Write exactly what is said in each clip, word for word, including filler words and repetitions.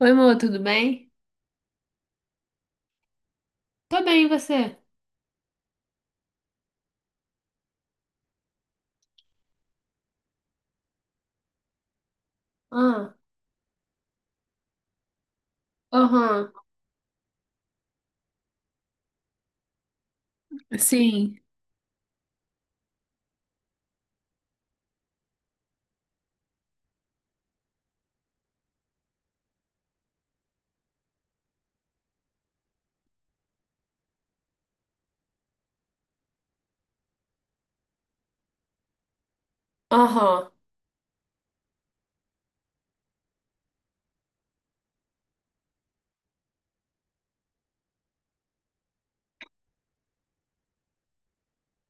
Oi, amor, tudo bem? Tô bem, e você? Ah, aham, sim, aham.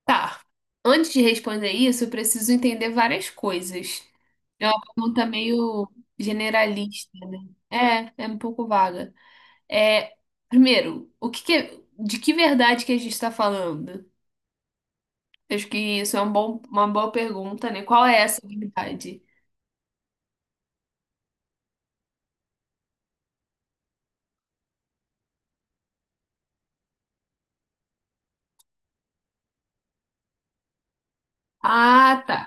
Tá. Antes de responder isso, eu preciso entender várias coisas. É uma pergunta meio generalista, né? É, é um pouco vaga. É, primeiro, o que que é- de que verdade que a gente está falando? Acho que isso é um bom, uma boa pergunta, né? Qual é essa verdade? Ah, tá.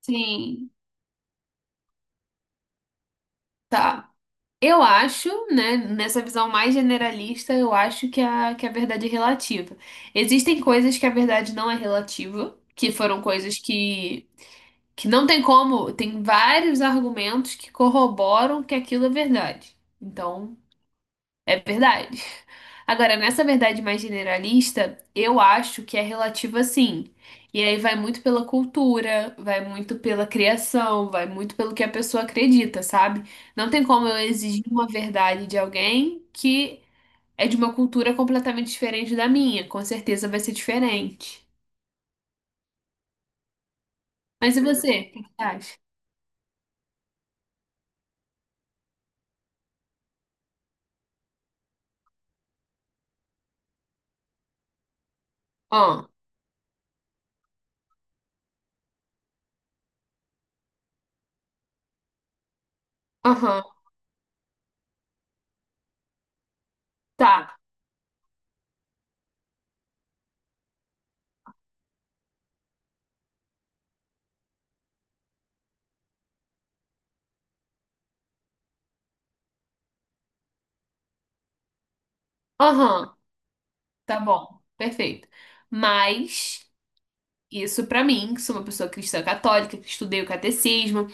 Sim, tá. Eu acho, né, nessa visão mais generalista, eu acho que a, que a verdade é relativa. Existem coisas que a verdade não é relativa, que foram coisas que, que não tem como, tem vários argumentos que corroboram que aquilo é verdade. Então, é verdade. Agora, nessa verdade mais generalista, eu acho que é relativa sim. E aí vai muito pela cultura, vai muito pela criação, vai muito pelo que a pessoa acredita, sabe? Não tem como eu exigir uma verdade de alguém que é de uma cultura completamente diferente da minha. Com certeza vai ser diferente. Mas e você? O que você acha? Ah, aham, tá. Aham, tá bom. Perfeito. Mas. Isso pra mim, que sou uma pessoa cristã católica, que estudei o catecismo,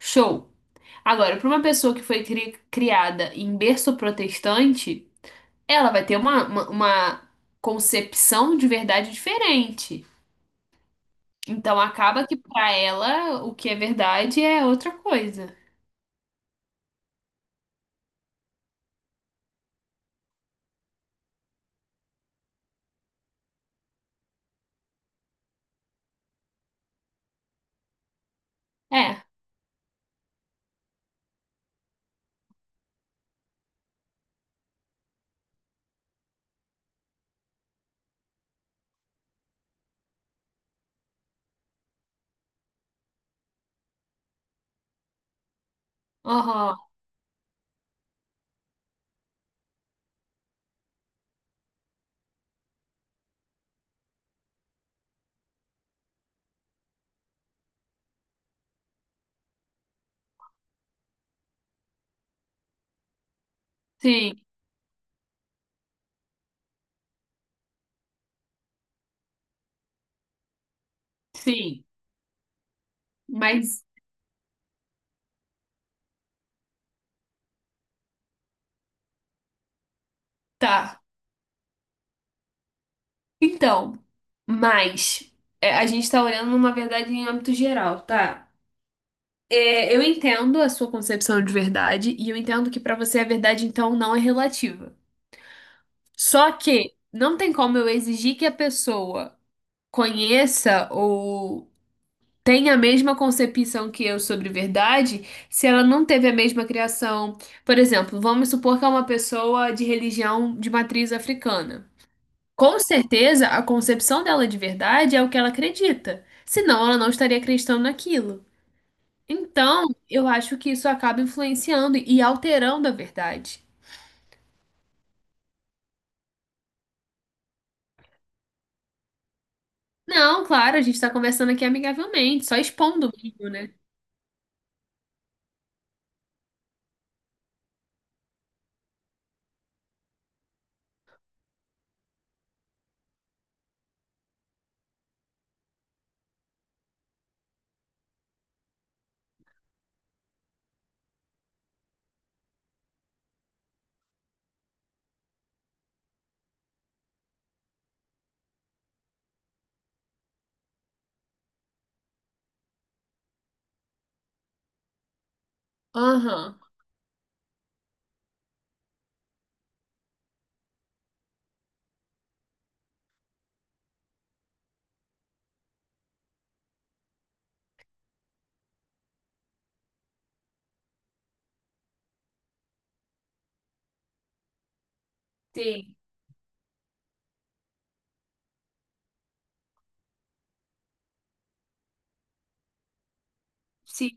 show. Agora, pra uma pessoa que foi cri- criada em berço protestante, ela vai ter uma, uma, uma concepção de verdade diferente. Então acaba que pra ela o que é verdade é outra coisa. É, aham, sim, sim, mas tá. Então, mas é, a gente tá olhando numa verdade em âmbito geral, tá? É, eu entendo a sua concepção de verdade e eu entendo que pra você a verdade então não é relativa. Só que não tem como eu exigir que a pessoa conheça ou tenha a mesma concepção que eu sobre verdade se ela não teve a mesma criação. Por exemplo, vamos supor que é uma pessoa de religião de matriz africana. Com certeza, a concepção dela de verdade é o que ela acredita, senão ela não estaria acreditando naquilo. Então, eu acho que isso acaba influenciando e alterando a verdade. Não, claro, a gente tá conversando aqui amigavelmente, só expondo mesmo, né? Aham. Sim, sim,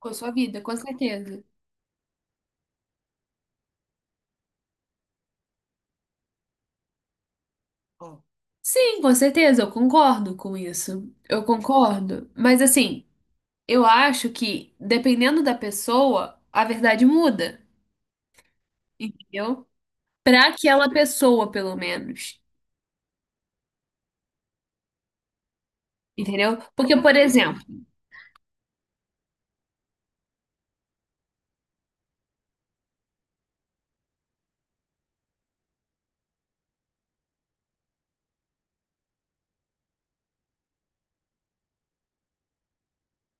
com a sua vida, com certeza. Ó, sim, com certeza, eu concordo com isso. Eu concordo. Mas assim, eu acho que, dependendo da pessoa, a verdade muda, entendeu? Pra aquela pessoa, pelo menos. Entendeu? Porque, por exemplo,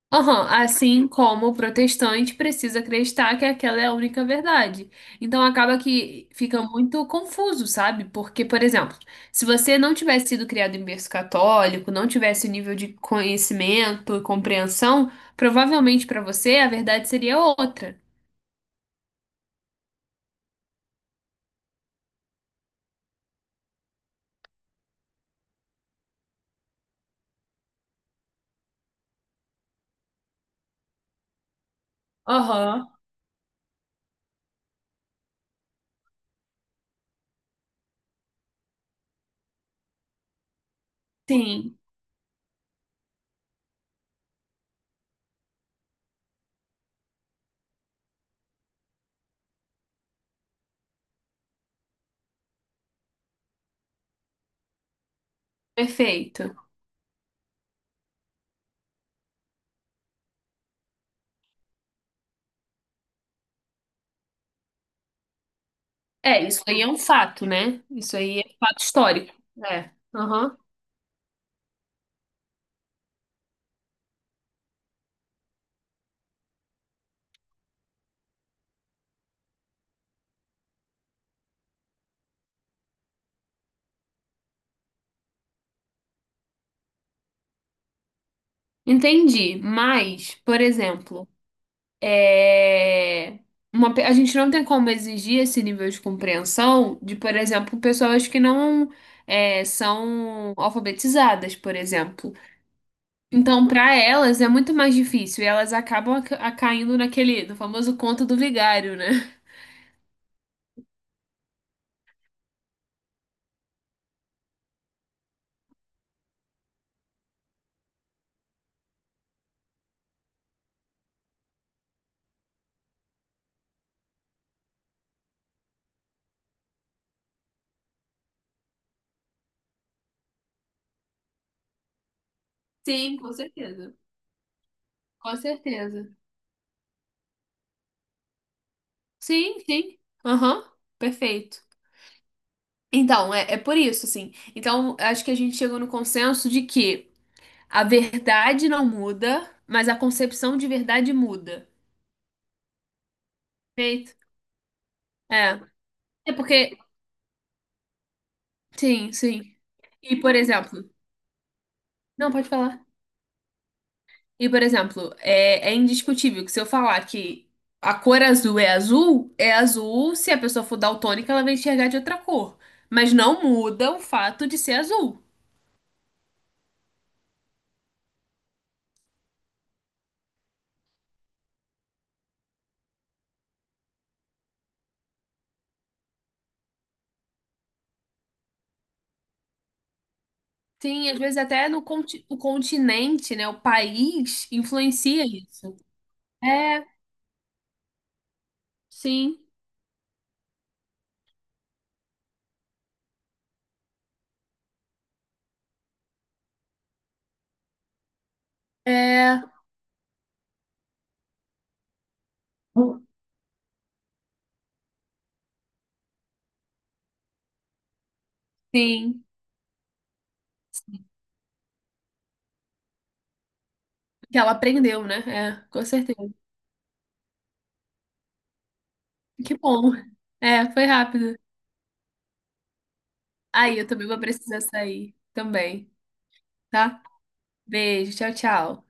aham, assim como o protestante precisa acreditar que aquela é a única verdade. Então acaba que fica muito confuso, sabe? Porque, por exemplo, se você não tivesse sido criado em berço católico, não tivesse o nível de conhecimento e compreensão, provavelmente para você a verdade seria outra. Aham. Sim, perfeito. É, isso aí é um fato, né? Isso aí é fato histórico. É. Aham. Entendi. Mas, por exemplo. É, uma, pe- a gente não tem como exigir esse nível de compreensão de, por exemplo, pessoas que não é, são alfabetizadas, por exemplo. Então, para elas é muito mais difícil e elas acabam aca- a- caindo naquele, no famoso conto do vigário, né? Sim, com certeza. Com certeza. Sim, sim. Aham, perfeito. Então, é, é por isso, assim. Então, acho que a gente chegou no consenso de que a verdade não muda, mas a concepção de verdade muda. Perfeito? É. É porque. Sim, sim. E, por exemplo. Não, pode falar. E, por exemplo, é, é indiscutível que se eu falar que a cor azul é azul, é azul. Se a pessoa for daltônica, ela vai enxergar de outra cor. Mas não muda o fato de ser azul. Sim, às vezes até no conti o continente, né? O país influencia isso. É, sim. É, sim. Que ela aprendeu, né? É, com certeza. Que bom. É, foi rápido. Aí, eu também vou precisar sair também, tá? Beijo, tchau, tchau.